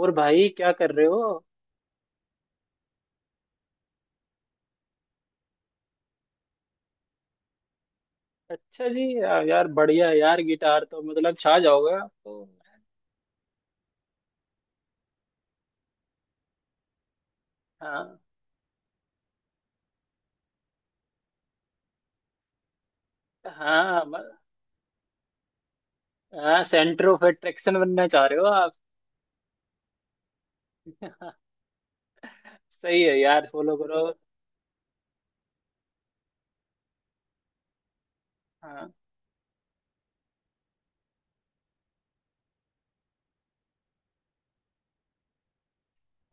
और भाई क्या कर रहे हो? अच्छा जी, यार बढ़िया यार, गिटार तो मतलब छा जाओगे आप तो। हाँ, हाँ। हाँ, सेंटर ऑफ अट्रैक्शन बनना चाह रहे हो आप? सही है यार, फॉलो करो। हाँ,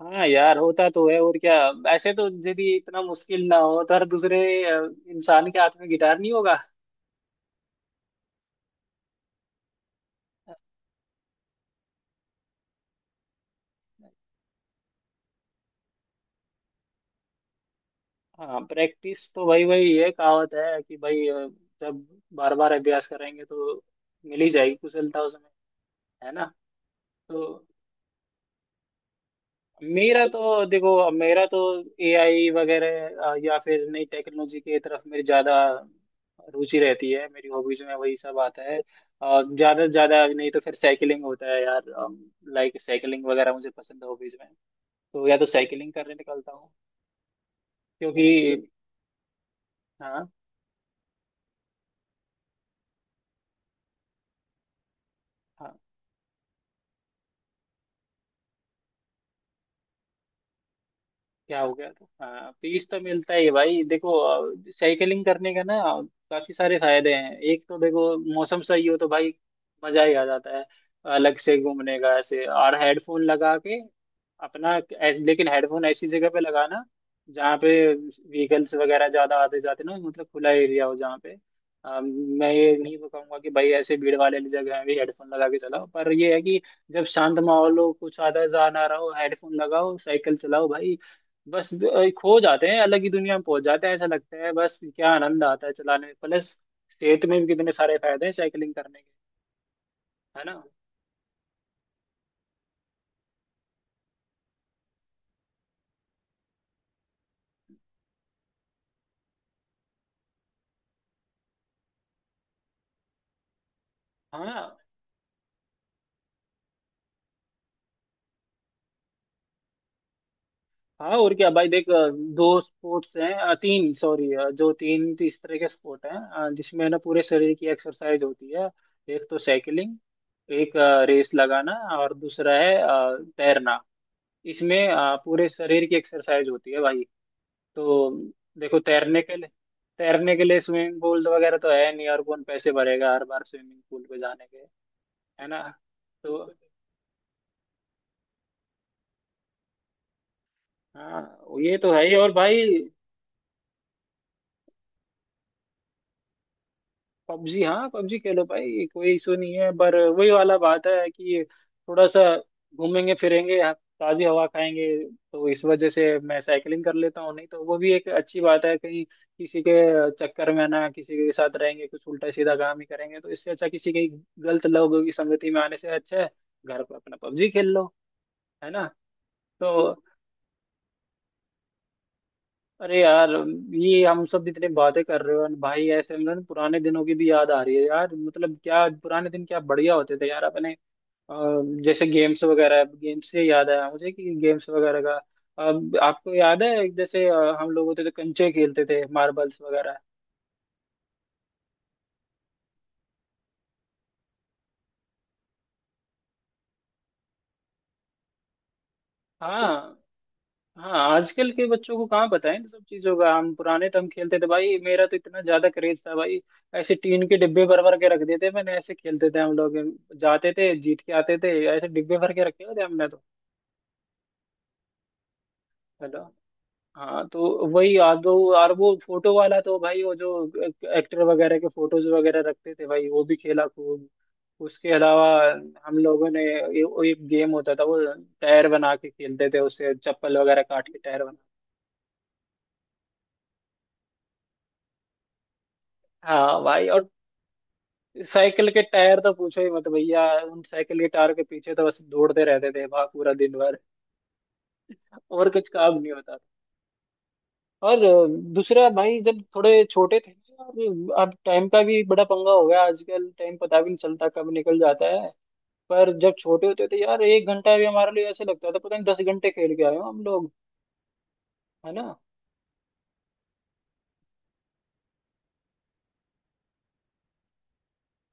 हाँ यार, होता तो है और क्या। ऐसे तो यदि इतना मुश्किल ना हो तो हर दूसरे इंसान के हाथ में गिटार नहीं होगा। हाँ, प्रैक्टिस तो भाई भाई, ये कहावत है कि भाई, जब बार बार अभ्यास करेंगे तो मिल ही जाएगी कुशलता उसमें। है ना? तो मेरा तो देखो, अब मेरा तो एआई वगैरह, या फिर नई टेक्नोलॉजी की तरफ मेरी ज़्यादा रुचि रहती है। मेरी हॉबीज में वही सब आता है। और ज़्यादा से ज़्यादा नहीं तो फिर साइकिलिंग होता है यार। लाइक साइकिलिंग वगैरह मुझे पसंद है हॉबीज में। तो या तो साइकिलिंग करने निकलता हूँ क्योंकि, हाँ। हाँ, क्या हो गया था? हाँ, पीस तो मिलता ही है भाई, देखो। साइकिलिंग करने का ना, काफी सारे फायदे हैं। एक तो देखो, मौसम सही हो तो भाई मजा ही आ जाता है। अलग से घूमने का ऐसे, और हेडफोन लगा के अपना। लेकिन हेडफोन ऐसी जगह पे लगाना जहाँ पे व्हीकल्स वगैरह ज्यादा आते जाते ना, मतलब खुला एरिया हो, जहाँ पे। मैं ये नहीं कहूंगा कि भाई ऐसे भीड़ वाले जगह में भी हेडफोन लगा के चलाओ, पर ये है कि जब शांत माहौल हो, कुछ आधा जान आ रहा हो, हेडफोन लगाओ, साइकिल चलाओ भाई। बस खो जाते हैं अलग ही दुनिया में, पहुंच जाते हैं, ऐसा लगता है बस। क्या आनंद आता है चलाने में। प्लस सेहत में भी कितने सारे फायदे हैं साइकिलिंग करने के। है ना? हाँ, हाँ। और क्या भाई, देख, दो स्पोर्ट्स हैं, तीन सॉरी, जो तीन इस तरह के स्पोर्ट हैं जिसमें ना पूरे शरीर की एक्सरसाइज होती है। एक तो साइकिलिंग, एक रेस लगाना, और दूसरा है तैरना। इसमें पूरे शरीर की एक्सरसाइज होती है भाई। तो देखो, तैरने के लिए स्विमिंग पूल तो वगैरह तो है नहीं, और कौन पैसे भरेगा हर बार स्विमिंग पूल पे जाने के। है ना? तो हाँ, ये तो है ही। और भाई, पबजी, हाँ। पबजी खेलो भाई, कोई इशू नहीं है, पर वही वाला बात है कि थोड़ा सा घूमेंगे फिरेंगे, ताजी हवा खाएंगे, तो इस वजह से मैं साइकिलिंग कर लेता हूँ। नहीं तो वो भी एक अच्छी बात है, कहीं किसी के चक्कर में ना, किसी के साथ रहेंगे कुछ उल्टा सीधा काम ही करेंगे, तो इससे अच्छा किसी के, गलत लोगों की संगति में आने से अच्छा है घर पर अपना पबजी खेल लो। है ना? तो अरे यार, ये हम सब इतने बातें कर रहे हो, और भाई ऐसे में ना पुराने दिनों की भी याद आ रही है यार। मतलब क्या पुराने दिन, क्या बढ़िया होते थे यार अपने। अ, जैसे गेम्स वगैरह, गेम्स से याद आया मुझे कि गेम्स वगैरह का। अब आपको याद है जैसे, हम लोग होते थे कंचे खेलते थे, मार्बल्स वगैरह। हाँ, हाँ। आजकल के बच्चों को कहाँ पता है इन सब चीजों का, हम पुराने तो हम खेलते थे भाई। मेरा तो इतना ज्यादा क्रेज था भाई, ऐसे टीन के डिब्बे भर भर के रख देते। मैंने ऐसे खेलते थे हम लोग, जाते थे जीत के आते थे, ऐसे डिब्बे भर के रखे होते हमने तो। हेलो, हाँ। तो वही आप दो, और वो फोटो वाला तो भाई, वो जो एक्टर वगैरह के फोटोज वगैरह रखते थे भाई, वो भी खेला खूब। उसके अलावा हम लोगों ने, वो एक गेम होता था, वो टायर बना के खेलते थे, उससे चप्पल वगैरह काट के टायर बना। हाँ भाई, और साइकिल के टायर तो पूछो ही मत भैया, उन साइकिल के टायर के पीछे तो बस दौड़ते रहते थे वहां पूरा दिन भर, और कुछ काम नहीं होता था। और दूसरा भाई, जब थोड़े छोटे थे ना, अब टाइम का भी बड़ा पंगा हो गया आजकल, टाइम पता भी नहीं चलता कब निकल जाता है। पर जब छोटे होते थे यार, एक घंटा भी हमारे लिए ऐसे लगता था, पता नहीं 10 घंटे खेल के आए हो हम लोग। है ना?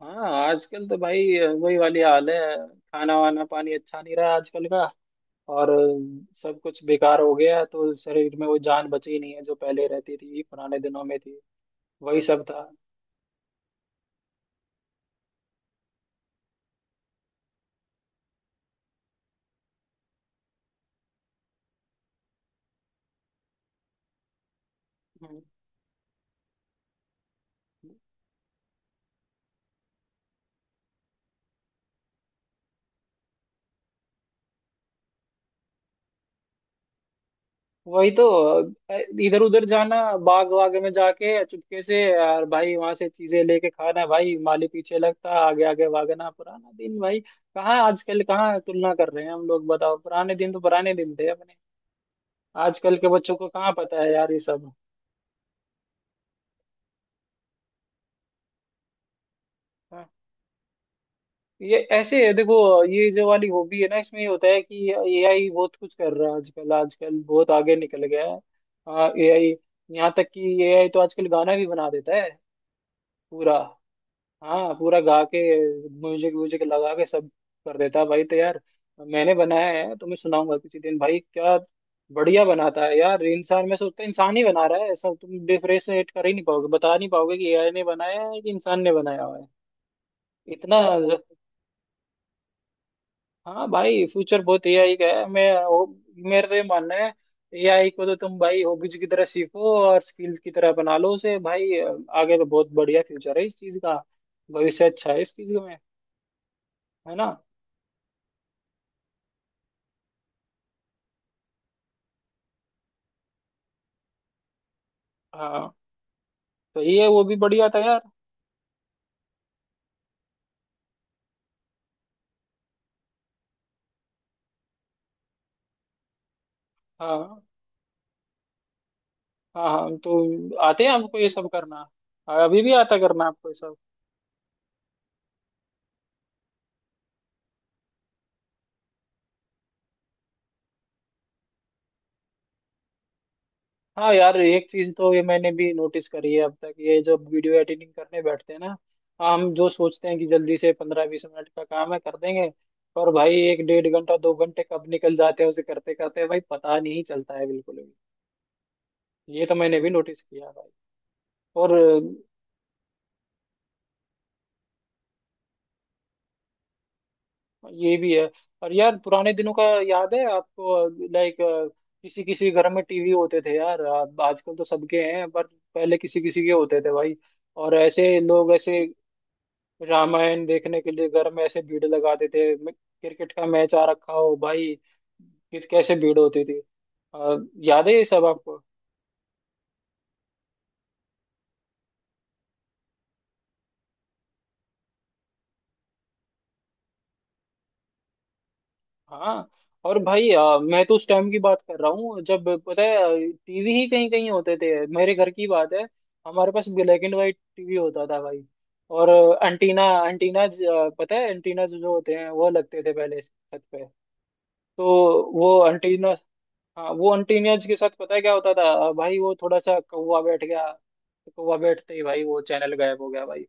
हाँ, आजकल तो भाई वही वाली हाल है, खाना वाना पानी अच्छा नहीं रहा आजकल का, और सब कुछ बेकार हो गया। तो शरीर में वो जान बची नहीं है जो पहले रहती थी पुराने दिनों में थी, वही सब था। हम्म। वही तो, इधर उधर जाना, बाग वाग में जाके चुपके से यार भाई, वहां से चीजें लेके खाना भाई, माली पीछे लगता, आगे आगे भागना, पुराना दिन भाई। कहाँ आजकल, कहाँ तुलना कर रहे हैं हम लोग, बताओ। पुराने दिन तो पुराने दिन थे अपने। आजकल के बच्चों को कहाँ पता है यार ये सब। हाँ। ये ऐसे है देखो, ये जो वाली हॉबी है ना, इसमें ये होता है कि एआई बहुत कुछ कर रहा है आजकल। आजकल बहुत आगे निकल गया है। हाँ, एआई। यहाँ तक कि एआई तो आजकल गाना भी बना देता है पूरा। हाँ, पूरा गा के म्यूजिक व्यूजिक लगा के सब कर देता है भाई। तो यार, मैंने बनाया है, तुम्हें सुनाऊंगा किसी दिन भाई। क्या बढ़िया बनाता है यार, इंसान मैं सोचता हूँ इंसान ही बना रहा है ऐसा। तुम डिफरेंशिएट कर ही नहीं पाओगे, बता नहीं पाओगे कि एआई ने बनाया है कि इंसान ने बनाया हुआ है, इतना। हाँ भाई, फ्यूचर बहुत एआई का है, मैं वो, मेरा तो ये मानना है। एआई को तो तुम भाई हॉबीज की तरह सीखो और स्किल की तरह बना लो उसे भाई, आगे तो बहुत बढ़िया फ्यूचर है इस चीज का, भविष्य अच्छा है इस चीज में। है ना? हाँ, तो ये वो भी बढ़िया था यार। हाँ, हाँ, हाँ, तो आते हैं आपको ये सब करना? अभी भी आता करना आपको ये सब? हाँ यार, एक चीज तो ये मैंने भी नोटिस करी है अब तक, ये जब वीडियो एडिटिंग करने बैठते हैं ना हम, जो सोचते हैं कि जल्दी से 15-20 मिनट का काम है कर देंगे, पर भाई एक डेढ़ घंटा 2 घंटे कब निकल जाते हैं उसे करते करते भाई पता नहीं चलता है बिल्कुल भी। ये तो मैंने भी नोटिस किया भाई। और ये भी है। और यार पुराने दिनों का याद है आपको? लाइक, किसी किसी घर में टीवी होते थे यार, अब आजकल तो सबके हैं, पर पहले किसी किसी के होते थे भाई। और ऐसे लोग ऐसे रामायण देखने के लिए घर में ऐसे भीड़ लगाते थे, क्रिकेट का मैच आ रखा हो भाई, कैसे भीड़ होती थी। अ, याद है ये सब आपको? हाँ, और भाई मैं तो उस टाइम की बात कर रहा हूँ जब, पता है, टीवी ही कहीं कहीं होते थे। मेरे घर की बात है, हमारे पास ब्लैक एंड वाइट टीवी होता था भाई। और एंटीना एंटीना, पता है एंटीना जो जो होते हैं वो लगते थे पहले छत पे। तो वो एंटीना। हाँ, वो अंटीनियज के साथ पता है क्या होता था भाई, वो थोड़ा सा कौवा बैठ गया तो कौवा बैठते ही भाई वो चैनल गायब हो गया भाई।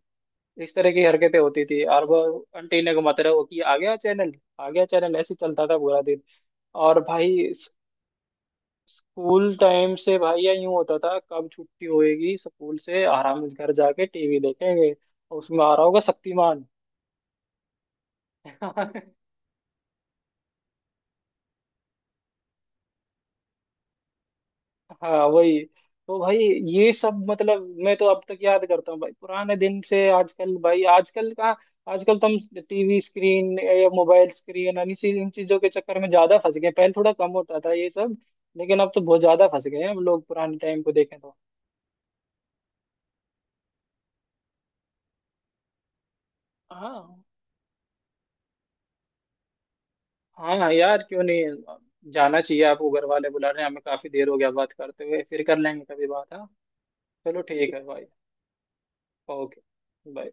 इस तरह की हरकतें होती थी, और वो अंटीने को मत रहो कि आ गया चैनल, आ गया चैनल, ऐसे चलता था पूरा दिन। और भाई स्कूल टाइम से भाई या यूं होता था कब छुट्टी होएगी, स्कूल से आराम से घर जाके टीवी देखेंगे और उसमें आ रहा होगा शक्तिमान। हाँ वही तो भाई, ये सब मतलब मैं तो अब तक याद करता हूँ भाई, पुराने दिन से आजकल भाई, आजकल का। आजकल तो हम टीवी स्क्रीन या मोबाइल स्क्रीन इन चीजों के चक्कर में ज्यादा फंस गए, पहले थोड़ा कम होता था ये सब, लेकिन अब तो बहुत ज्यादा फंस गए हैं हम लोग पुराने टाइम को देखें तो। हाँ, हाँ हाँ यार, क्यों नहीं, जाना चाहिए आपको, घर वाले बुला रहे हैं, हमें काफी देर हो गया बात करते हुए। फिर कर लेंगे कभी बात। हाँ, चलो ठीक है भाई। Okay, bye.